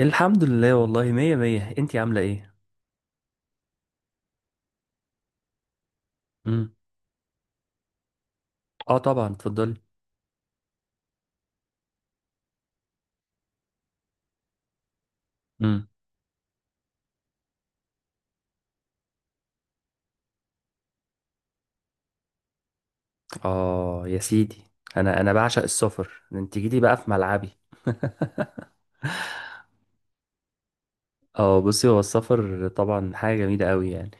الحمد لله والله مية مية انتي عاملة ايه؟ مم. اه طبعا اتفضلي. مم. اه يا سيدي، انا بعشق السفر، انتي جيتي بقى في ملعبي. اه بصي، هو السفر طبعا حاجة جميلة قوي يعني.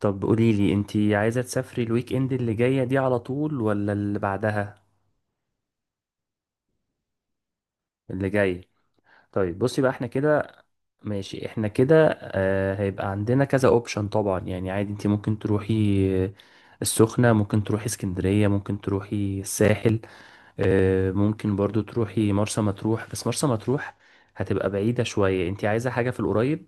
طب قولي لي انتي عايزة تسافري الويك اند اللي جاية دي على طول ولا اللي بعدها؟ اللي جاي. طيب بصي بقى احنا كده، ماشي احنا كده آه هيبقى عندنا كذا اوبشن طبعا يعني عادي انتي ممكن تروحي آه، السخنة، ممكن تروحي اسكندرية، ممكن تروحي الساحل، ممكن برضو تروحي مرسى مطروح، بس مرسى مطروح هتبقى بعيدة شوية، انت عايزة حاجة في القريب.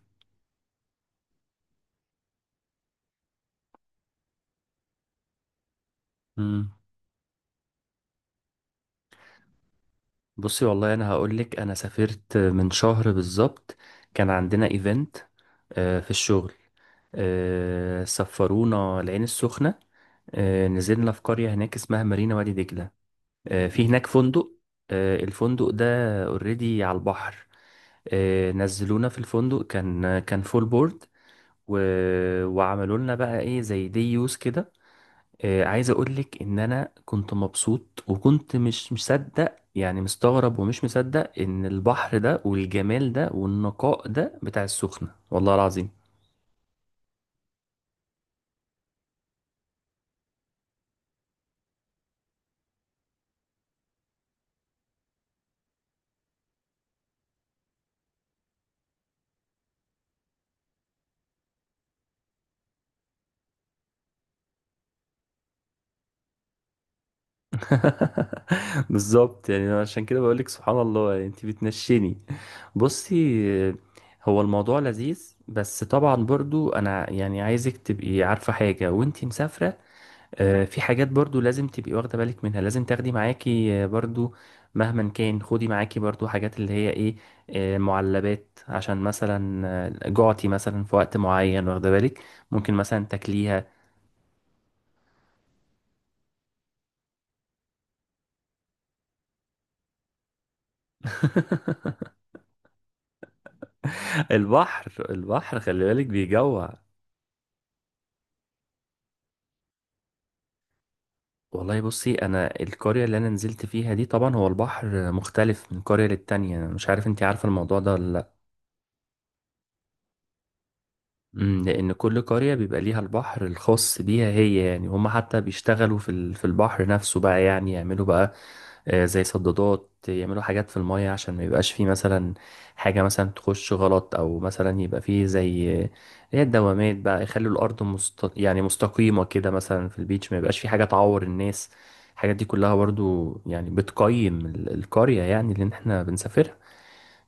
امم. بصي والله انا هقولك انا سافرت من شهر بالظبط، كان عندنا ايفنت في الشغل، سفرونا العين السخنة، نزلنا في قرية هناك اسمها مارينا وادي دجلة، في هناك فندق، الفندق ده اوريدي على البحر، نزلونا في الفندق، كان فول بورد و... وعملوا لنا بقى ايه زي دي يوز كده. عايز اقولك ان انا كنت مبسوط، وكنت مش مصدق يعني، مستغرب ومش مصدق ان البحر ده والجمال ده والنقاء ده بتاع السخنة، والله العظيم. بالظبط يعني، أنا عشان كده بقولك سبحان الله يعني انت بتنشني. بصي، آه، هو الموضوع لذيذ، بس طبعا برضو انا يعني عايزك تبقي عارفة حاجة وانت مسافرة. في حاجات برضو لازم تبقي واخدة بالك منها، لازم تاخدي معاكي برضو مهما كان، خدي معاكي برضو حاجات اللي هي ايه، معلبات، عشان مثلا جعتي مثلا في وقت معين واخدة بالك، ممكن مثلا تاكليها. البحر البحر خلي بالك بيجوع. والله بصي انا القرية اللي انا نزلت فيها دي طبعا هو البحر مختلف من قرية للتانية، مش عارف انتي عارفة الموضوع ده ولا لأ. امم، لأن كل قرية بيبقى ليها البحر الخاص بيها هي، يعني هم حتى بيشتغلوا في البحر نفسه بقى يعني، يعملوا بقى زي صدادات، يعملوا حاجات في المية عشان ما يبقاش فيه مثلا حاجة مثلا تخش غلط، أو مثلا يبقى فيه زي هي الدوامات بقى، يخلوا الأرض يعني مستقيمة كده مثلا في البيتش، ما يبقاش فيه حاجة تعور الناس. الحاجات دي كلها برضو يعني بتقيم القرية يعني اللي احنا بنسافرها.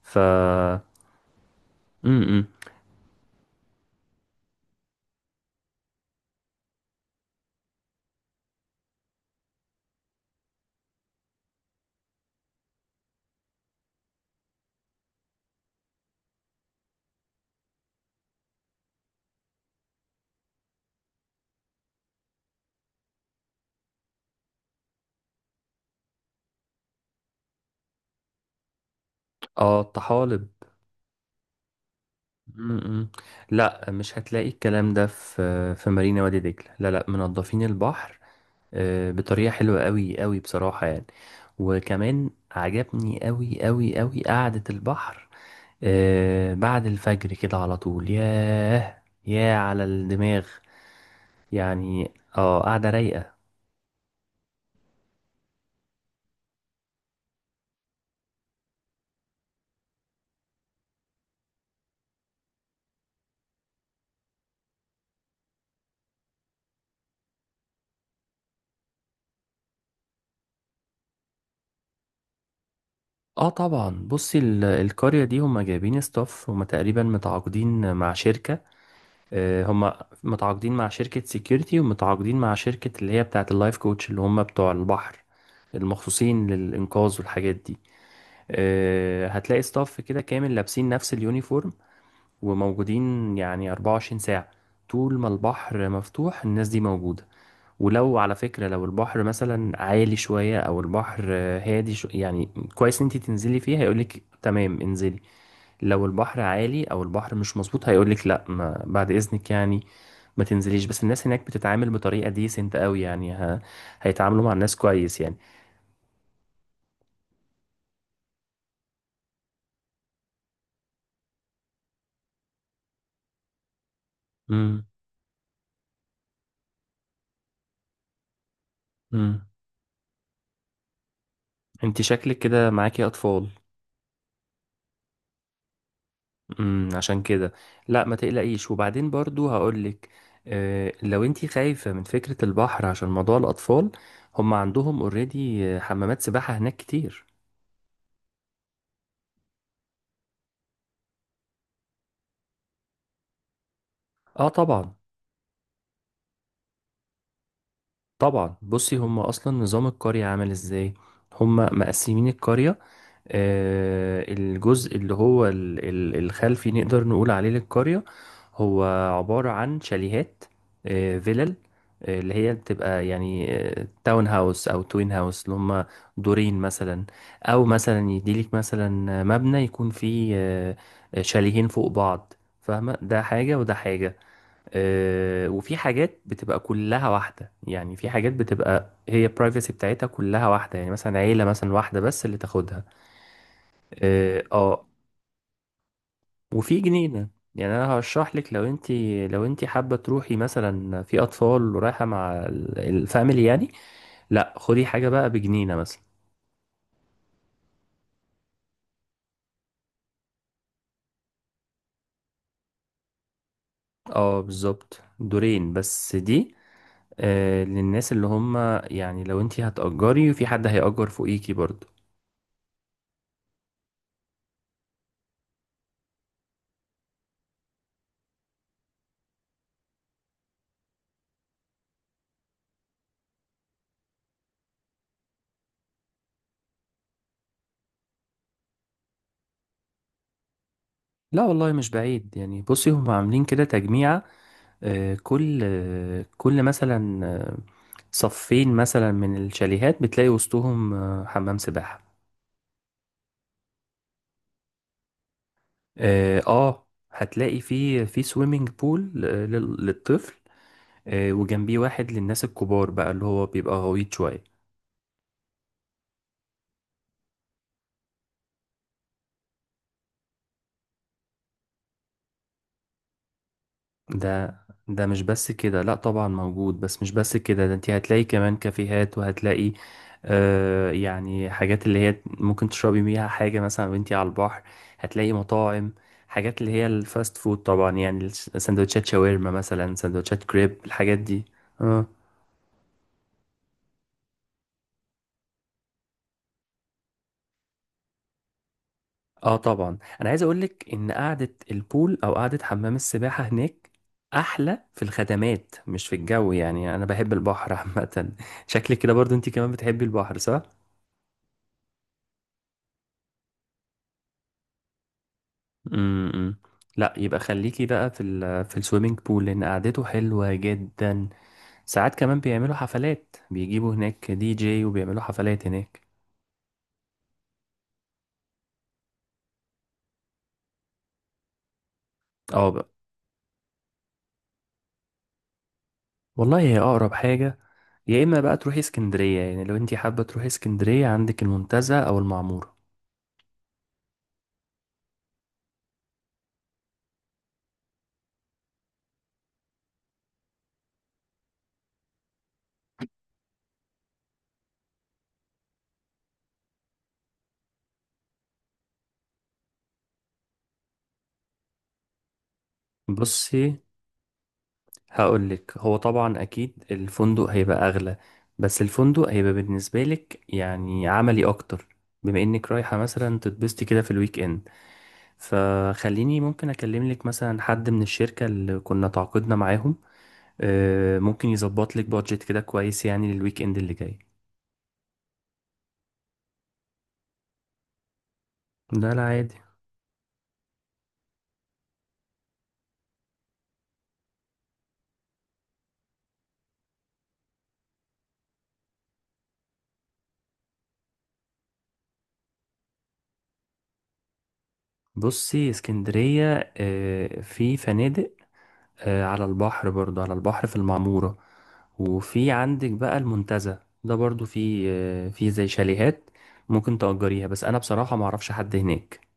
ف امم. اه الطحالب. م-م. لا، مش هتلاقي الكلام ده في مارينا وادي دجلة، لا لا، منظفين البحر بطريقة حلوة قوي قوي بصراحة يعني. وكمان عجبني قوي قوي قوي قعدة البحر بعد الفجر كده على طول، ياه ياه على الدماغ يعني. اه قاعدة رايقة. اه طبعا بصي، القرية دي هما جايبين ستاف، هما تقريبا متعاقدين مع شركة، هم متعاقدين مع شركة سيكيورتي، ومتعاقدين مع شركة اللي هي بتاعة اللايف كوتش، اللي هم بتوع البحر المخصوصين للإنقاذ والحاجات دي. هتلاقي ستاف كده كامل لابسين نفس اليونيفورم، وموجودين يعني 24 ساعة، طول ما البحر مفتوح الناس دي موجودة. ولو على فكرة، لو البحر مثلا عالي شوية أو البحر هادي شو يعني كويس إن أنت تنزلي فيه، هيقولك تمام انزلي. لو البحر عالي أو البحر مش مظبوط هيقولك لأ، ما بعد إذنك يعني ما تنزليش. بس الناس هناك بتتعامل بطريقة ديسنت أوي يعني، هيتعاملوا مع الناس كويس يعني. امم امم أنت شكلك كده معاكي أطفال. عشان كده، لا ما تقلقيش، وبعدين برضو هقولك لو انتي خايفة من فكرة البحر عشان موضوع الأطفال، هم عندهم اوريدي حمامات سباحة هناك كتير. اه طبعا. طبعا بصي هم أصلا نظام القرية عامل ازاي، هم مقسمين القرية، الجزء اللي هو الخلفي نقدر نقول عليه للقرية، هو عبارة عن شاليهات، فيلل، اللي هي بتبقى يعني تاون هاوس أو توين هاوس، اللي هم دورين مثلا، أو مثلا يديلك مثلا مبنى يكون فيه شاليهين فوق بعض، فاهمة، ده حاجة وده حاجة. وفي حاجات بتبقى كلها واحدة، يعني في حاجات بتبقى هي البرايفسي بتاعتها كلها واحدة يعني، مثلا عيلة مثلا واحدة بس اللي تاخدها. اه وفي جنينة، يعني انا هشرح لك. لو انت، لو انت حابة تروحي مثلا في اطفال ورايحة مع الفاميلي يعني، لا خدي حاجة بقى بجنينة مثلا. اه بالظبط دورين بس دي للناس اللي هم، يعني لو انت هتأجري وفي حد هيأجر فوقيكي برضو. لا والله مش بعيد يعني، بصي هم عاملين كده تجميعة، كل مثلا صفين مثلا من الشاليهات بتلاقي وسطهم آه حمام سباحة. اه هتلاقي في سويمنج بول للطفل، وجنبيه واحد للناس الكبار بقى، اللي هو بيبقى غويط شوية. ده ده مش بس كده، لا طبعا موجود، بس مش بس كده، ده انت هتلاقي كمان كافيهات، وهتلاقي يعني حاجات اللي هي ممكن تشربي بيها حاجة مثلا وانتي على البحر، هتلاقي مطاعم، حاجات اللي هي الفاست فود طبعا يعني، سندوتشات شاورما مثلا، سندوتشات كريب، الحاجات دي. آه. اه طبعا انا عايز اقولك ان قعده البول او قعده حمام السباحه هناك احلى في الخدمات مش في الجو، يعني انا بحب البحر عامه. شكلك كده برضو انت كمان بتحبي البحر، صح؟ امم. لا يبقى خليكي بقى في في السويمنج بول، لان قعدته حلوه جدا. ساعات كمان بيعملوا حفلات، بيجيبوا هناك دي جي، وبيعملوا حفلات هناك. اه بقى والله هي اقرب حاجه، يا اما بقى تروحي اسكندريه يعني، لو انت حابه تروحي اسكندريه عندك المنتزه او المعموره. بصي هقول لك، هو طبعا اكيد الفندق هيبقى اغلى، بس الفندق هيبقى بالنسبه لك يعني عملي اكتر، بما انك رايحه مثلا تتبسطي كده في الويك اند. فخليني ممكن اكلم لك مثلا حد من الشركه اللي كنا تعاقدنا معاهم، ممكن يظبط لك بادجت كده كويس يعني للويك اند اللي جاي. ده لا عادي. بصي اسكندريه في فنادق على البحر برضو، على البحر في المعمورة، وفي عندك بقى المنتزه ده برضو، في في زي شاليهات ممكن تأجريها، بس أنا بصراحة ما أعرفش حد هناك.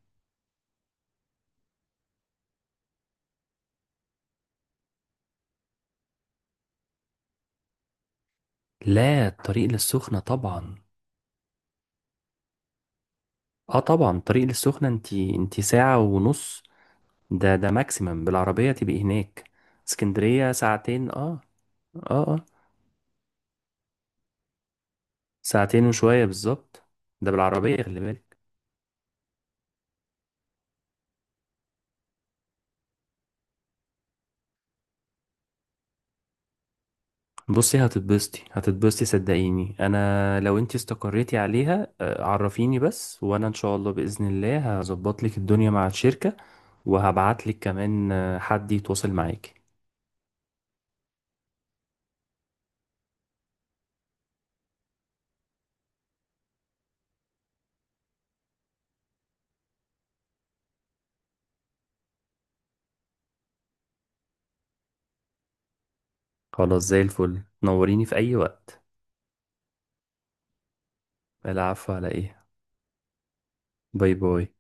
لا الطريق للسخنة طبعا. اه طبعا الطريق للسخنة، انتي ساعة ونص، ده ماكسيمم بالعربية تبقي هناك، اسكندرية ساعتين. اه اه اه ساعتين وشوية بالظبط، ده بالعربية خلي بالك. بصي هتتبسطي هتتبسطي صدقيني، انا لو انتي استقريتي عليها عرفيني بس، وانا ان شاء الله باذن الله هظبط لك الدنيا مع الشركه، وهبعت لك كمان حد يتواصل معاكي. خلاص زي الفل، نوريني في اي وقت. العفو على ايه، باي باي.